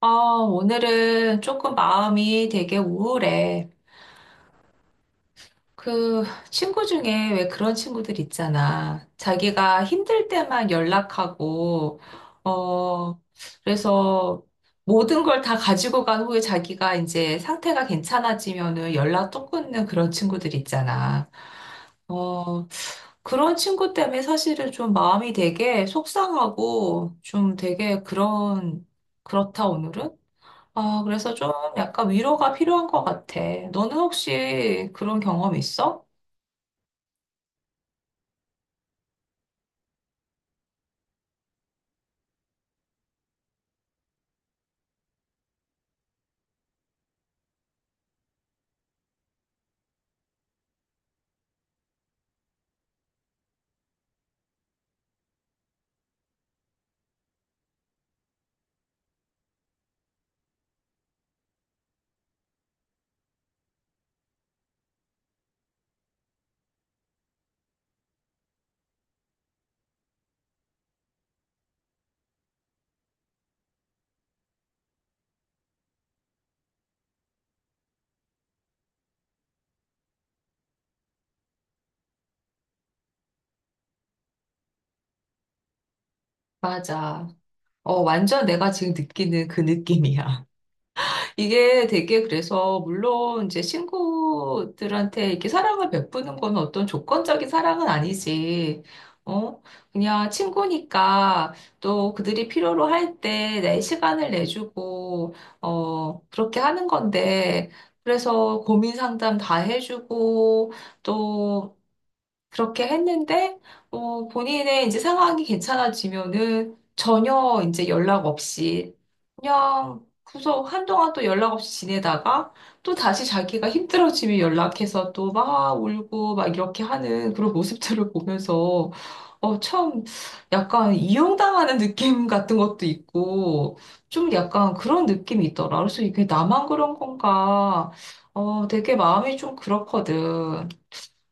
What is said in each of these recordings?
아, 오늘은 조금 마음이 되게 우울해. 그 친구 중에 왜 그런 친구들 있잖아. 자기가 힘들 때만 연락하고, 어, 그래서 모든 걸 다 가지고 간 후에 자기가 이제 상태가 괜찮아지면은 연락 또 끊는 그런 친구들 있잖아. 어, 그런 친구 때문에 사실은 좀 마음이 되게 속상하고 좀 되게 그런, 그렇다 오늘은? 아, 그래서 좀 약간 위로가 필요한 것 같아. 너는 혹시 그런 경험 있어? 맞아. 어, 완전 내가 지금 느끼는 그 느낌이야. 이게 되게 그래서, 물론 이제 친구들한테 이렇게 사랑을 베푸는 건 어떤 조건적인 사랑은 아니지. 어? 그냥 친구니까 또 그들이 필요로 할 때 내 시간을 내주고, 그렇게 하는 건데, 그래서 고민 상담 다 해주고, 또 그렇게 했는데, 본인의 이제 상황이 괜찮아지면은 전혀 이제 연락 없이 그냥 구속 한동안 또 연락 없이 지내다가 또 다시 자기가 힘들어지면 연락해서 또 막 울고 막 이렇게 하는 그런 모습들을 보면서 어, 참 약간 이용당하는 느낌 같은 것도 있고 좀 약간 그런 느낌이 있더라. 그래서 이게 나만 그런 건가? 되게 마음이 좀 그렇거든.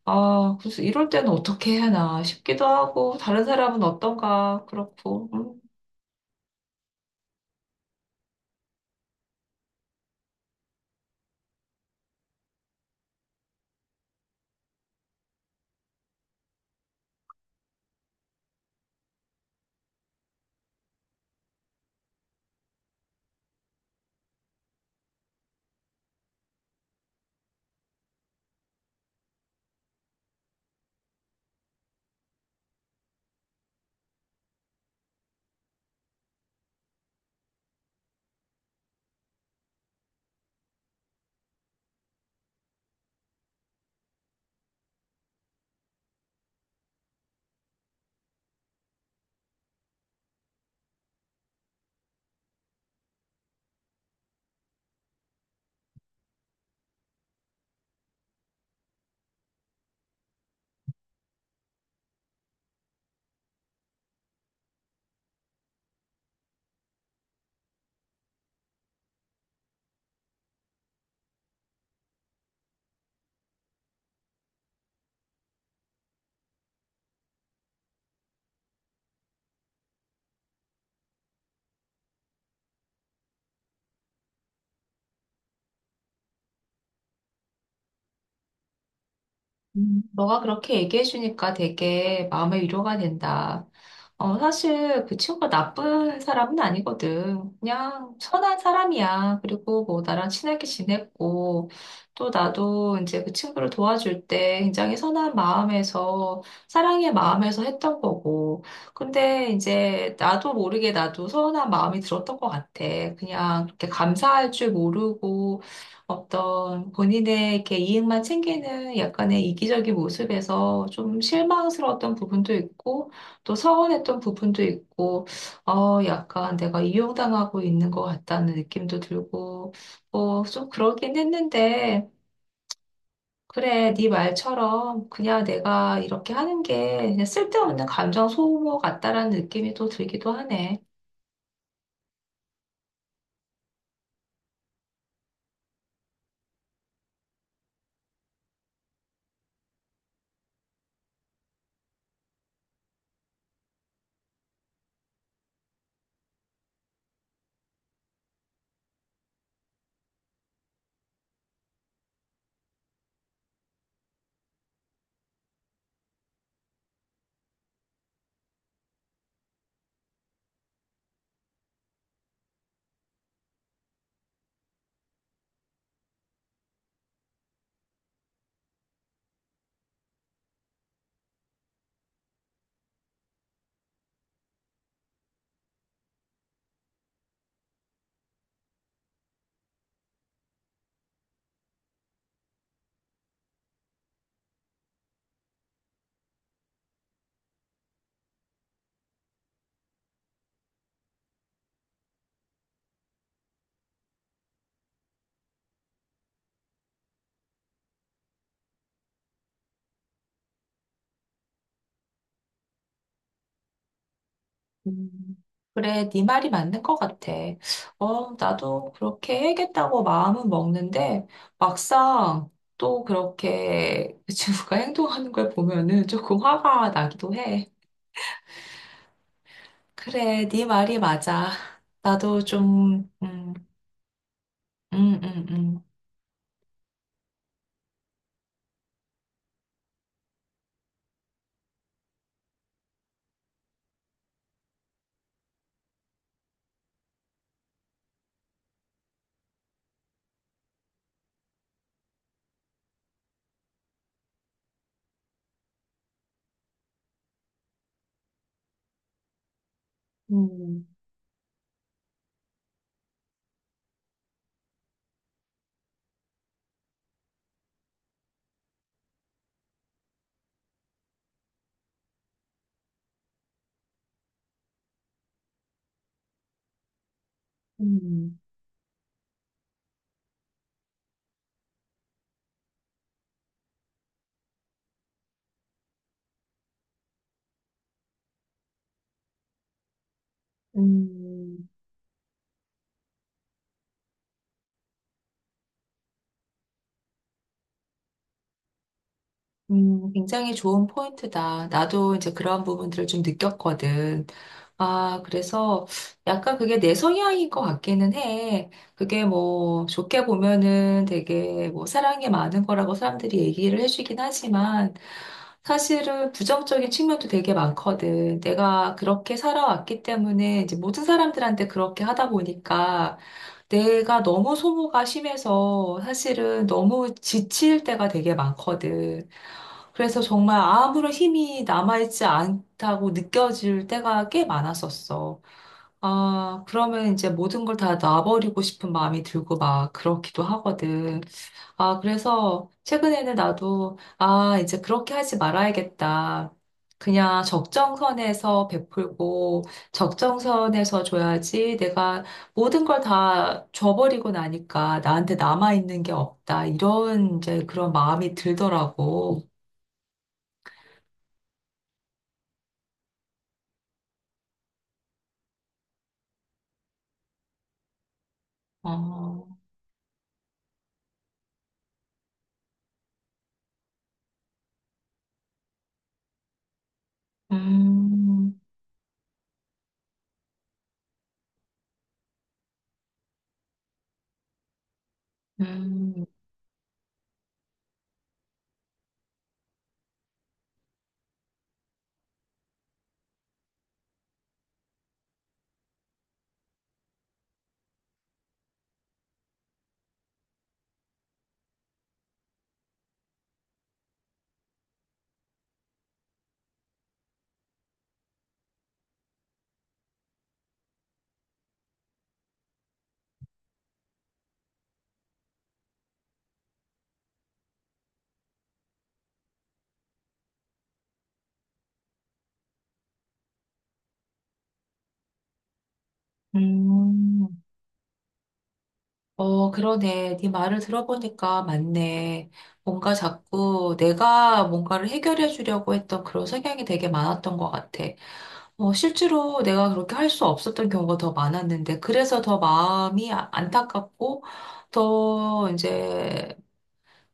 아, 그래서 이럴 때는 어떻게 해야 하나 싶기도 하고, 다른 사람은 어떤가, 그렇고. 음. 너가 그렇게 얘기해 주니까 되게 마음의 위로가 된다. 사실 그 친구가 나쁜 사람은 아니거든. 그냥 선한 사람이야. 그리고 뭐 나랑 친하게 지냈고, 또 나도 이제 그 친구를 도와줄 때 굉장히 선한 마음에서, 사랑의 마음에서 했던 거고. 근데 이제 나도 모르게 나도 서운한 마음이 들었던 것 같아. 그냥 그렇게 감사할 줄 모르고, 어떤 본인의 이렇게 이익만 챙기는 약간의 이기적인 모습에서 좀 실망스러웠던 부분도 있고, 또 서운했던 부분도 있고, 약간 내가 이용당하고 있는 것 같다는 느낌도 들고, 어, 좀 그러긴 했는데, 그래, 네 말처럼 그냥 내가 이렇게 하는 게 그냥 쓸데없는 감정 소모 같다라는 느낌이 또 들기도 하네. 음, 그래, 네 말이 맞는 것 같아. 나도 그렇게 해야겠다고 마음은 먹는데, 막상 또 그렇게 그 친구가 행동하는 걸 보면은 조금 화가 나기도 해. 그래, 네 말이 맞아. 나도 좀, 음, 음, 음, 음, 음, 음, 굉장히 좋은 포인트다. 나도 이제 그런 부분들을 좀 느꼈거든. 아, 그래서 약간 그게 내 성향인 것 같기는 해. 그게 뭐 좋게 보면은 되게 뭐 사랑이 많은 거라고 사람들이 얘기를 해주긴 하지만 사실은 부정적인 측면도 되게 많거든. 내가 그렇게 살아왔기 때문에 이제 모든 사람들한테 그렇게 하다 보니까 내가 너무 소모가 심해서 사실은 너무 지칠 때가 되게 많거든. 그래서 정말 아무런 힘이 남아있지 않다고 느껴질 때가 꽤 많았었어. 아, 그러면 이제 모든 걸 다 놔버리고 싶은 마음이 들고 막 그렇기도 하거든. 아, 그래서 최근에는 나도, 아, 이제 그렇게 하지 말아야겠다. 그냥 적정선에서 베풀고 적정선에서 줘야지 내가 모든 걸 다 줘버리고 나니까 나한테 남아있는 게 없다. 이런 이제 그런 마음이 들더라고. 어. 음, 음, 음. 어, 그러네. 네 말을 들어보니까 맞네. 뭔가 자꾸 내가 뭔가를 해결해 주려고 했던 그런 성향이 되게 많았던 것 같아. 어, 실제로 내가 그렇게 할 수 없었던 경우가 더 많았는데, 그래서 더 마음이 안타깝고, 더 이제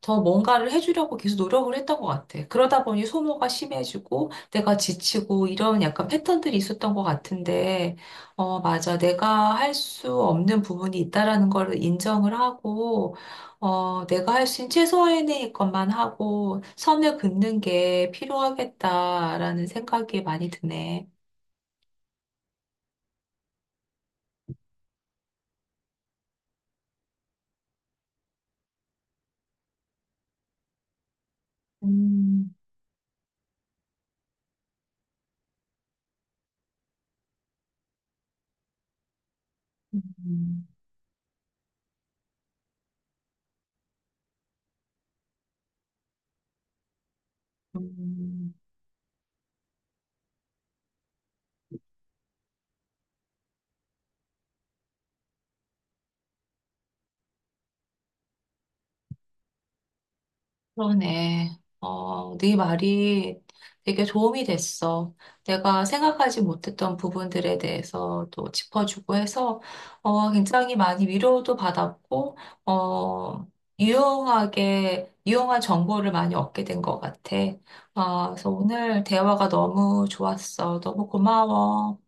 더 뭔가를 해주려고 계속 노력을 했던 것 같아. 그러다 보니 소모가 심해지고 내가 지치고 이런 약간 패턴들이 있었던 것 같은데, 어, 맞아. 내가 할 수 없는 부분이 있다라는 걸 인정을 하고, 내가 할 수 있는 최소한의 것만 하고 선을 긋는 게 필요하겠다라는 생각이 많이 드네. 음, 음, 음. 그러네. 어, 네 말이 되게 도움이 됐어. 내가 생각하지 못했던 부분들에 대해서 또 짚어주고 해서 어, 굉장히 많이 위로도 받았고 어, 유용하게 유용한 정보를 많이 얻게 된 것 같아. 어, 그래서 오늘 대화가 너무 좋았어. 너무 고마워.